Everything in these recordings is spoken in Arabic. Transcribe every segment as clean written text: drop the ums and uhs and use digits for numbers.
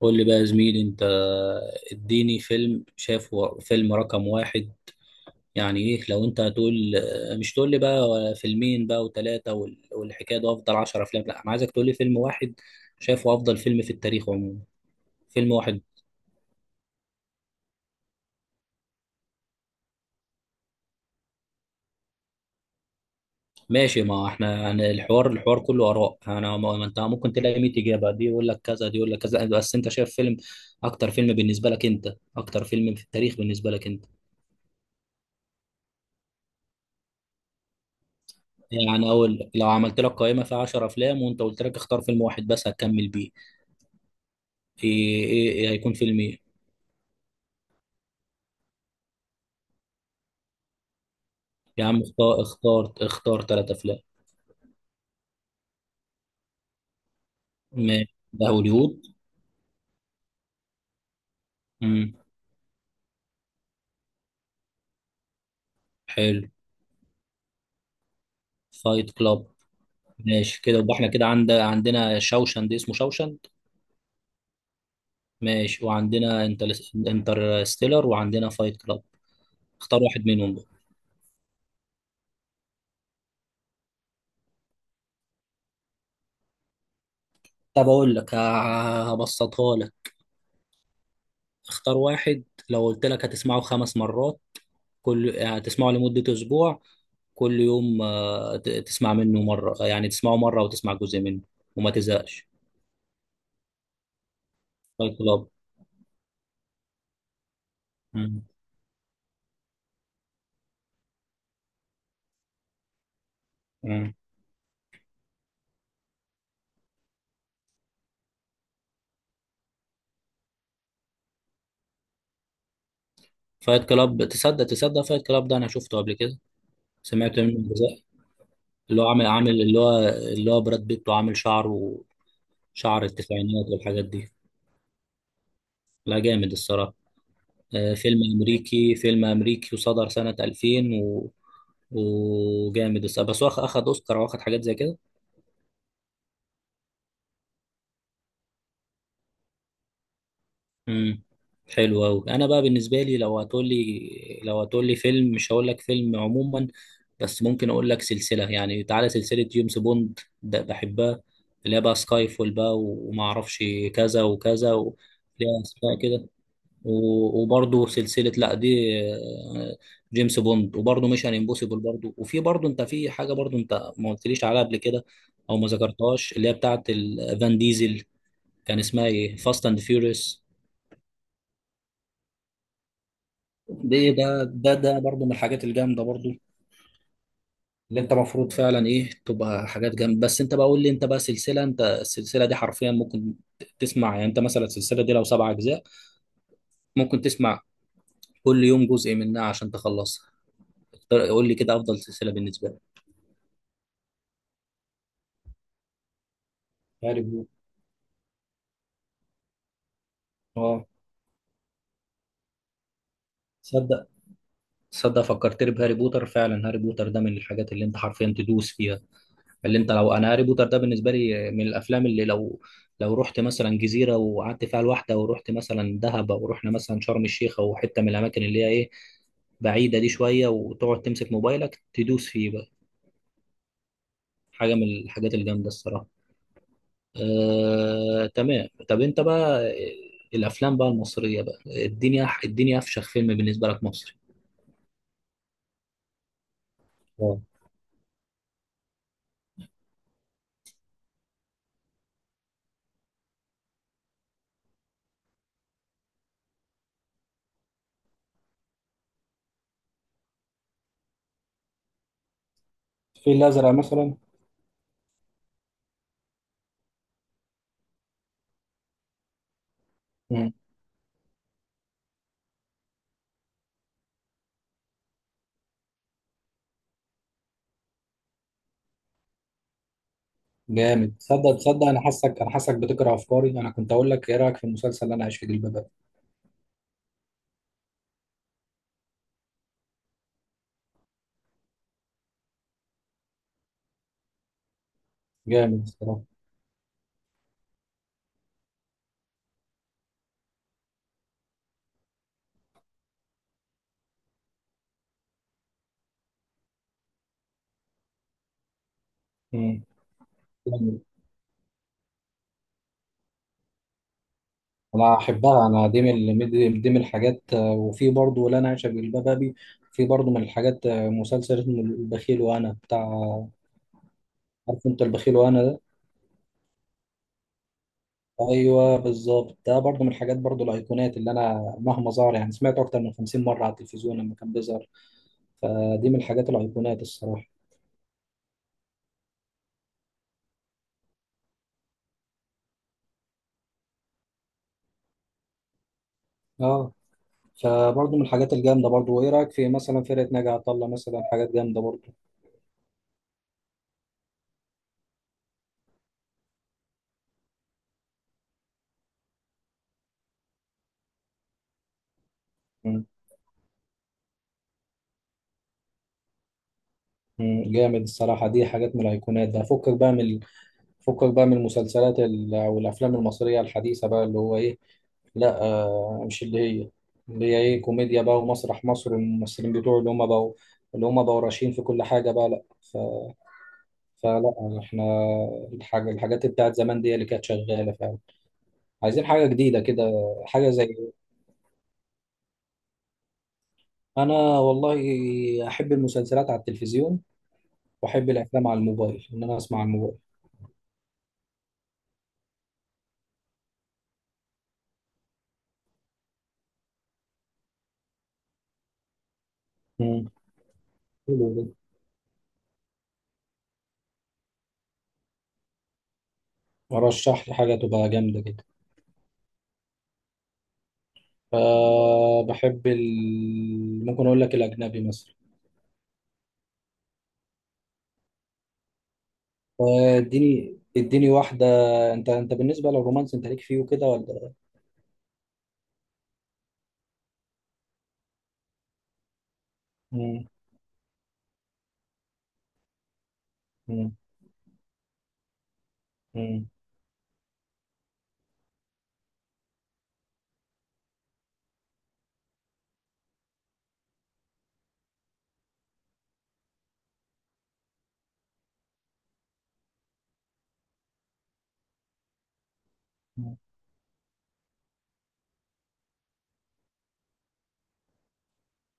قول لي بقى يا زميلي انت. اديني فيلم شافه، فيلم رقم واحد. يعني ايه لو انت هتقول؟ مش تقول لي بقى فيلمين بقى وثلاثة والحكاية ده افضل 10 افلام. لا، انا عايزك تقول لي فيلم واحد شافه افضل فيلم في التاريخ عموما. فيلم واحد. ماشي، ما احنا يعني الحوار كله اراء. انا ما ما انت ممكن تلاقي 100 اجابة، دي يقول لك كذا دي يقول لك كذا، بس انت شايف فيلم، اكتر فيلم بالنسبة لك انت، اكتر فيلم في التاريخ بالنسبة لك انت. يعني اقول لك لو عملت لك قائمه فيها 10 افلام وانت قلت لك اختار فيلم واحد بس هتكمل بيه. إيه هيكون فيلم ايه؟ يا عم اختار اختار اختار 3 افلام. ماشي، ده هوليوود. امم حلو. فايت كلاب. ماشي كده، يبقى احنا كده عندنا شوشند، اسمه شوشند. ماشي، وعندنا انترستيلر وعندنا فايت كلاب. اختار واحد منهم بقى. طب اقول لك هبسطها لك. اختار واحد. لو قلت لك هتسمعه 5 مرات، كل هتسمعه لمدة أسبوع، كل يوم تسمع منه مرة، يعني تسمعه مرة وتسمع جزء منه وما تزهقش. فايت كلاب. مم. مم. فايت كلاب، تصدق تصدق فايت كلاب ده أنا شفته قبل كده، سمعت منه جزء. اللي هو عامل اللي هو براد بيت وعامل شعره، شعر التسعينات والحاجات دي. لا، جامد الصراحة. فيلم أمريكي وصدر سنة 2000 و... وجامد الصراحة. بس هو أخد أوسكار وأخد حاجات زي كده. امم حلو قوي. انا بقى بالنسبه لي لو هتقول لي فيلم، مش هقول لك فيلم عموما، بس ممكن اقول لك سلسله. يعني تعالى، سلسله جيمس بوند ده بحبها، اللي هي بقى سكاي فول بقى وما اعرفش كذا وكذا ليها اسماء كده. وبرضه سلسله، لا دي جيمس بوند، وبرضه ميشن امبوسيبل برضه. وفي برضه انت في حاجه برضه انت ما قلتليش عليها قبل كده او ما ذكرتهاش، اللي هي بتاعه فان ديزل، كان اسمها ايه، فاست اند فيوريوس. دي ده ده ده برضه من الحاجات الجامده برضه، اللي انت المفروض فعلا ايه تبقى حاجات جامده. بس انت بقى قول لي انت بقى سلسله، انت السلسله دي حرفيا ممكن تسمع. يعني انت مثلا السلسله دي لو 7 اجزاء، ممكن تسمع كل يوم جزء منها عشان تخلصها. قول لي كده افضل سلسله بالنسبه لك. هاري بوتر. اه، تصدق تصدق فكرتني بهاري بوتر، فعلا هاري بوتر ده من الحاجات اللي انت حرفيا تدوس فيها. اللي انت لو انا، هاري بوتر ده بالنسبه لي من الافلام اللي لو رحت مثلا جزيره وقعدت فيها لوحده، ورحت مثلا دهب، او رحنا مثلا شرم الشيخ، او حته من الاماكن اللي هي ايه بعيده دي شويه، وتقعد تمسك موبايلك تدوس فيه بقى. حاجه من الحاجات الجامده الصراحه. تمام. طب انت بقى الافلام بقى المصريه بقى، الدنيا افشخ فيلم بالنسبه لك مصري. آه. الفيل الأزرق مثلا. مم. جامد، تصدق تصدق أنا حاسك بتقرأ أفكاري، أنا كنت أقول لك إيه رأيك في المسلسل اللي أنا عايش في جلباب. جامد الصراحة. مم. جامد. أنا أحبها، أنا دي من الحاجات، وفي برضه لا أنا عايشة في جلباب أبي. في برضه من الحاجات، مسلسل اسمه البخيل وأنا، بتاع. عارف أنت البخيل وأنا ده. أيوه بالظبط، ده برضه من الحاجات برضه، الأيقونات اللي أنا مهما ظهر يعني سمعته أكتر من 50 مرة على التلفزيون لما كان بيظهر، فدي من الحاجات الأيقونات الصراحة. أه. فبرضه من الحاجات الجامدة برضه. وإيه رأيك في مثلا فرقة ناجي عطا الله مثلا، حاجات جامدة برضه. مم، جامد الصراحة، دي حاجات من الأيقونات. ده فكك بقى من المسلسلات أو الأفلام المصرية الحديثة بقى، اللي هو إيه، لا مش اللي هي إيه كوميديا بقى، ومسرح مصر، الممثلين بتوعه اللي هم بقوا راشين في كل حاجة بقى، لا ف... فلا إحنا الحاجات بتاعت زمان دي اللي كانت شغالة فعلا، عايزين حاجة جديدة كده، حاجة زي. أنا والله أحب المسلسلات على التلفزيون، وأحب الأفلام على الموبايل، إن أنا أسمع على الموبايل. مم. حلو ده. ورشح لي حاجة تبقى جامدة جدا. ممكن أقول لك الأجنبي مثلا. اديني اديني واحدة. أنت بالنسبة للرومانس، أنت ليك فيه وكده ولا؟ مم. مم. مم. مم.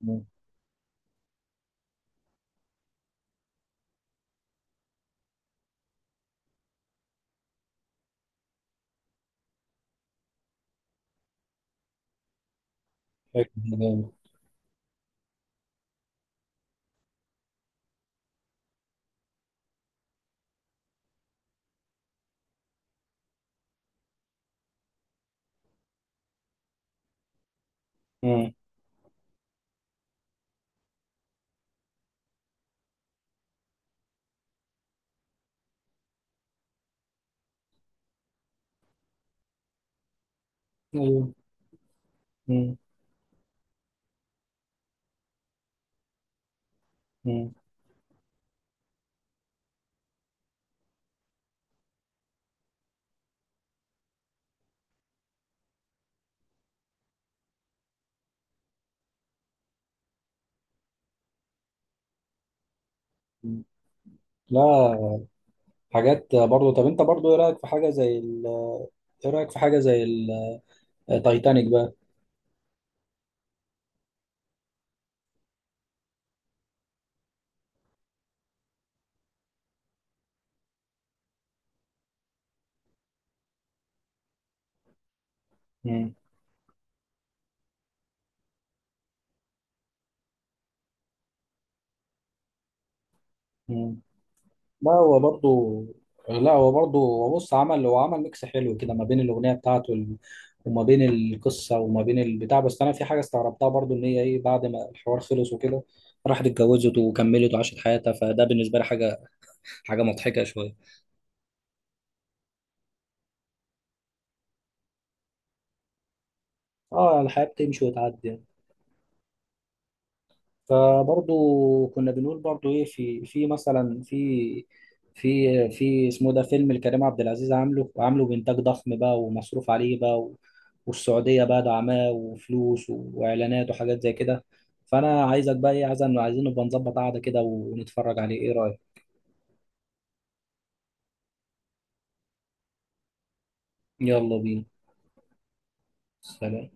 مم. مم. أيوه. مم. مم. مم. لا، حاجات برضو. طب أنت برضو إيه رأيك في حاجة زي إيه رأيك في حاجة زي التايتانيك بقى؟ مم. مم. لا هو برضه لا هو برضه، هو بص عمل ميكس حلو كده ما بين الأغنية بتاعته وما بين القصة وما بين البتاع، بس أنا في حاجة استغربتها برضه، إن هي إيه بعد ما الحوار خلص وكده راحت اتجوزت وكملت وعاشت حياتها، فده بالنسبة لي حاجة مضحكة شوية. اه، الحياة بتمشي وتعدي. فبرضو كنا بنقول برضو ايه، في في مثلا في في في اسمه ده، فيلم الكريم عبد العزيز، عامله بإنتاج ضخم بقى ومصروف عليه بقى والسعودية بقى دعماه، وفلوس وإعلانات وحاجات زي كده. فأنا عايزك بقى ايه، عايزين نبقى نظبط قعدة كده ونتفرج عليه، ايه رأيك؟ يلا بينا. سلام.